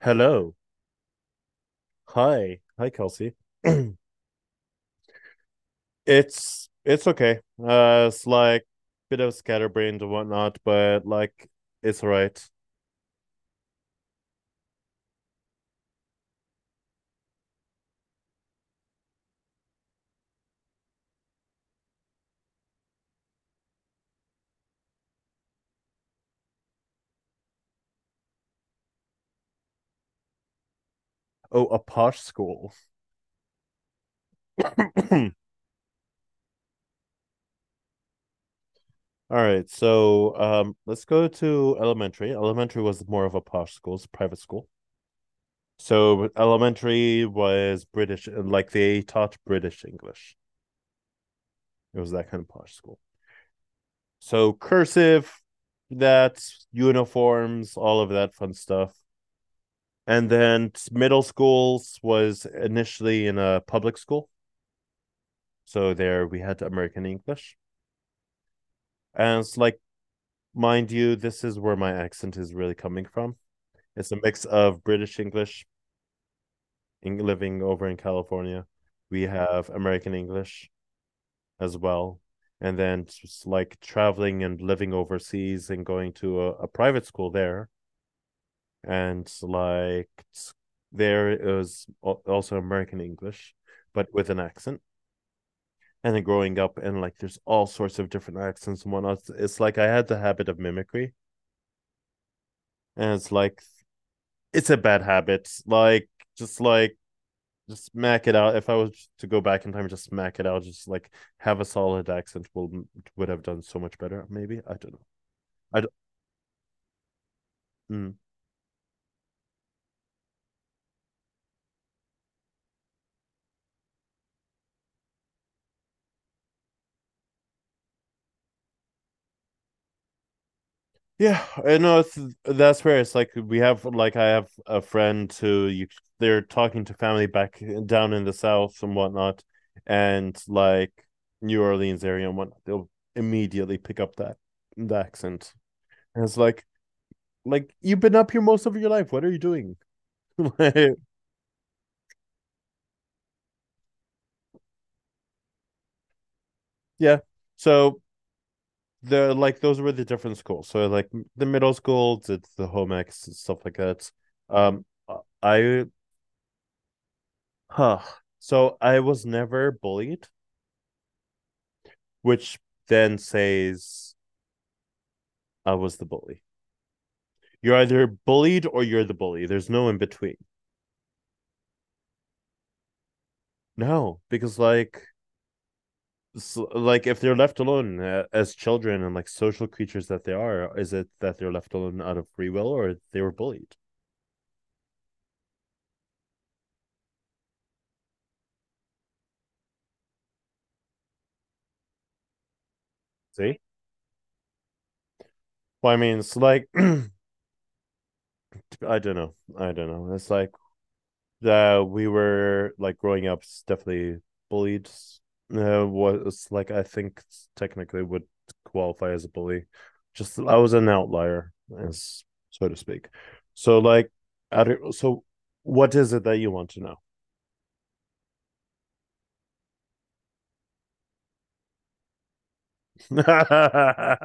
Hello. Hi. Hi, Kelsey. It's okay. It's like bit of scatterbrained and whatnot, but like it's all right. Oh, a posh school. All right, so let's go to elementary. Elementary was more of a posh school, it's a private school. So elementary was British and like they taught British English. It was that kind of posh school. So cursive, that's uniforms, all of that fun stuff. And then middle schools was initially in a public school, so there we had American English, and it's like, mind you, this is where my accent is really coming from. It's a mix of British English in, living over in California, we have American English as well, and then just like traveling and living overseas and going to a private school there, and like there is also American English but with an accent. And then growing up and like there's all sorts of different accents and whatnot. It's, like I had the habit of mimicry, and it's like it's a bad habit. Like just smack it out. If I was to go back in time, just smack it out. Just like have a solid accent will would have done so much better. Maybe I don't know. I don't, mm, Yeah, I know it's that's where it's like we have like I have a friend who you they're talking to family back down in the south and whatnot, and like New Orleans area and whatnot, they'll immediately pick up that the accent. And it's like you've been up here most of your life. What are you doing? Yeah. So the like those were the different schools. So like the middle school did the home ex and stuff like that. Um, I huh. So I was never bullied, which then says I was the bully. You're either bullied or you're the bully. There's no in between. No, because like if they're left alone as children and like social creatures that they are, is it that they're left alone out of free will or they were bullied? See? Well, I mean, it's like I don't know. I don't know. It's like that we were like growing up definitely bullied, was like I think technically would qualify as a bully. Just I was an outlier, as so to speak. So like, I don't, so what is it that you want to know?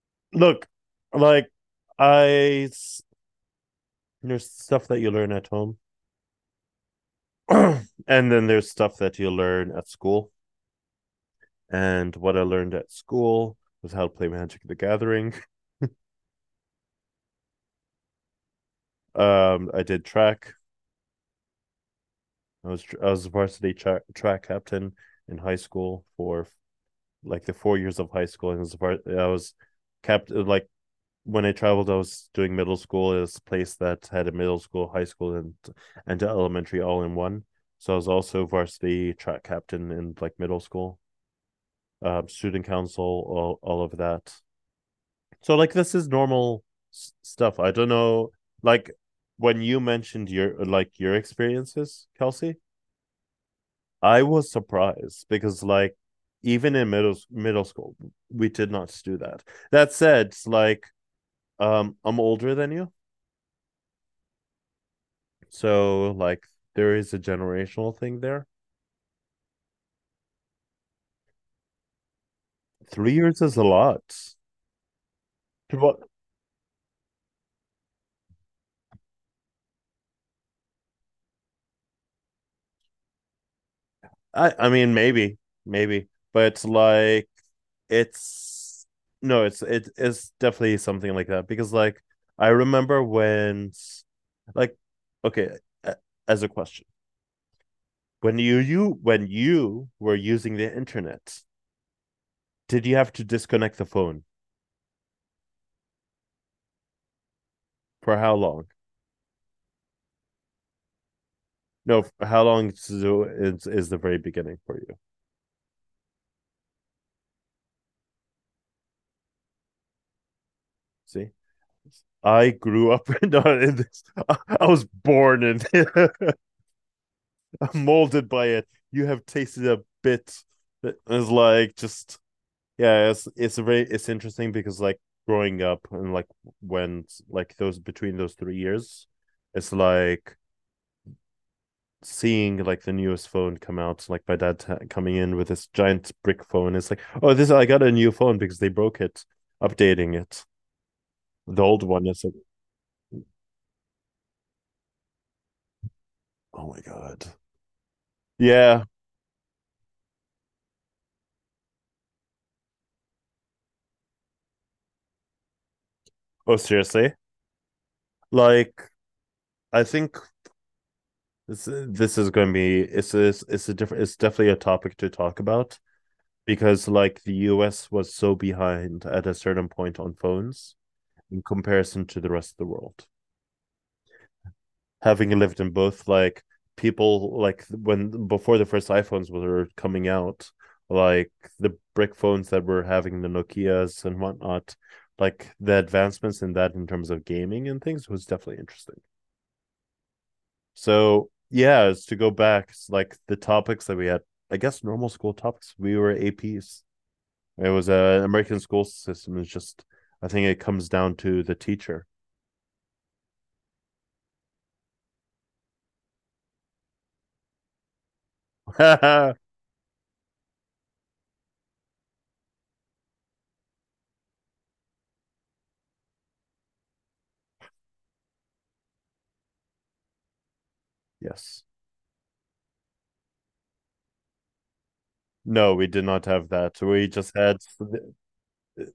Look, like I there's stuff that you learn at home, and then there's stuff that you learn at school. And what I learned at school was how to play Magic the Gathering. I did track. I was varsity track captain in high school for like the 4 years of high school, and was var- I was captain. Like when I traveled, I was doing middle school at a place that had a middle school, high school, and elementary all in one. So I was also varsity track captain in like middle school, student council, all of that. So like this is normal s- stuff. I don't know, like when you mentioned your like your experiences, Kelsey, I was surprised because like even in middle school we did not do that. That said, like I'm older than you. So like there is a generational thing there. 3 years is a lot. Well, I mean maybe maybe but it's like it's no it's it's definitely something like that because like I remember when like okay as a question. When you when you were using the internet, did you have to disconnect the phone for how long? No, how long is the very beginning for you? See, I grew up in this. I, was born and molded by it. You have tasted a bit. It's like just yeah. It's very it's interesting because like growing up and like when like those between those 3 years, it's like seeing like the newest phone come out, like my dad t- coming in with this giant brick phone. It's like, oh, this I got a new phone because they broke it, updating it. The old one is like, oh my god, yeah. Oh, seriously? Like, I think this is going to be it's a different it's definitely a topic to talk about because like the U.S. was so behind at a certain point on phones in comparison to the rest of the world. Having lived in both like people like when before the first iPhones were coming out, like the brick phones that were having the Nokias and whatnot, like the advancements in that in terms of gaming and things was definitely interesting. So yeah, it's to go back, it's like the topics that we had, I guess normal school topics. We were APs. It was a American school system. It's just I think it comes down to the teacher. Yes. No, we did not have that. We just had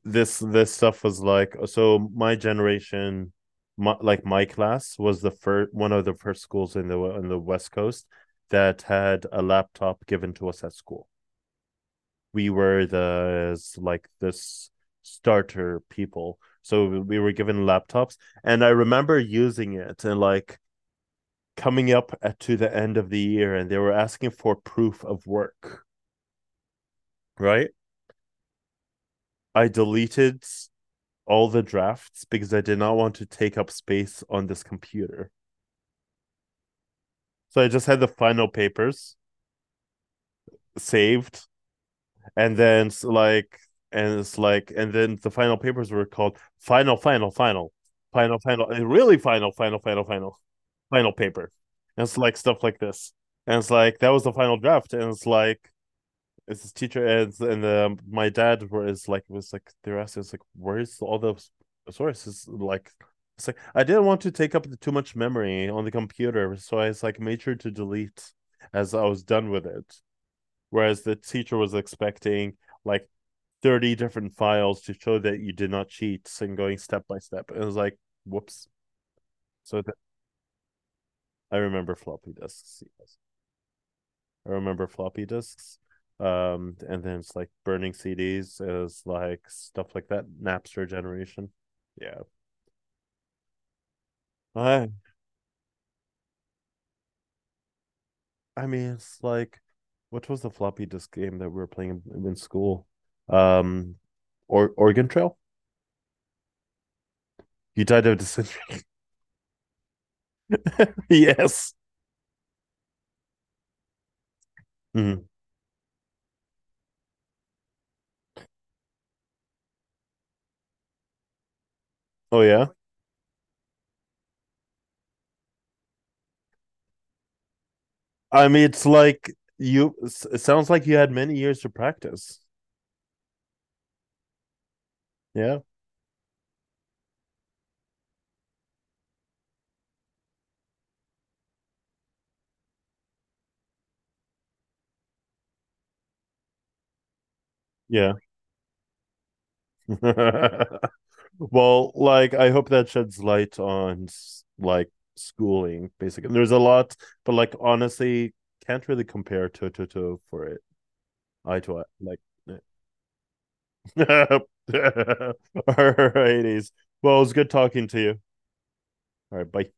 this stuff was like so my generation my, like my class was the first one of the first schools in the on the west coast that had a laptop given to us at school. We were the like this starter people so we were given laptops, and I remember using it and like coming up at, to the end of the year, and they were asking for proof of work, right. I deleted all the drafts because I did not want to take up space on this computer. So I just had the final papers saved, and then it's like, and then the final papers were called final, final, final, final, final, and really final, final, final, final, final paper. And it's like stuff like this. And it's like that was the final draft. And it's like it's his teacher and my dad was like they were asking us like where's all the sources like it's like I didn't want to take up too much memory on the computer, so I was like made sure to delete as I was done with it. Whereas the teacher was expecting like 30 different files to show that you did not cheat and going step by step. And it was like, whoops. So th- I remember floppy disks. Yes. I remember floppy disks. And then it's like burning CDs is like stuff like that. Napster generation. Yeah. I I mean it's like what was the floppy disk game that we were playing in, school? Um or Oregon Trail? You died of dysentery. Yes. Mhm. Oh yeah. I mean it's like you it sounds like you had many years to practice. Yeah. Yeah. Well, like I hope that sheds light on like schooling, basically. There's a lot, but like honestly, can't really compare toe to toe for it. Eye to eye, like. Alrighties. Well, it was good talking to you. All right, bye.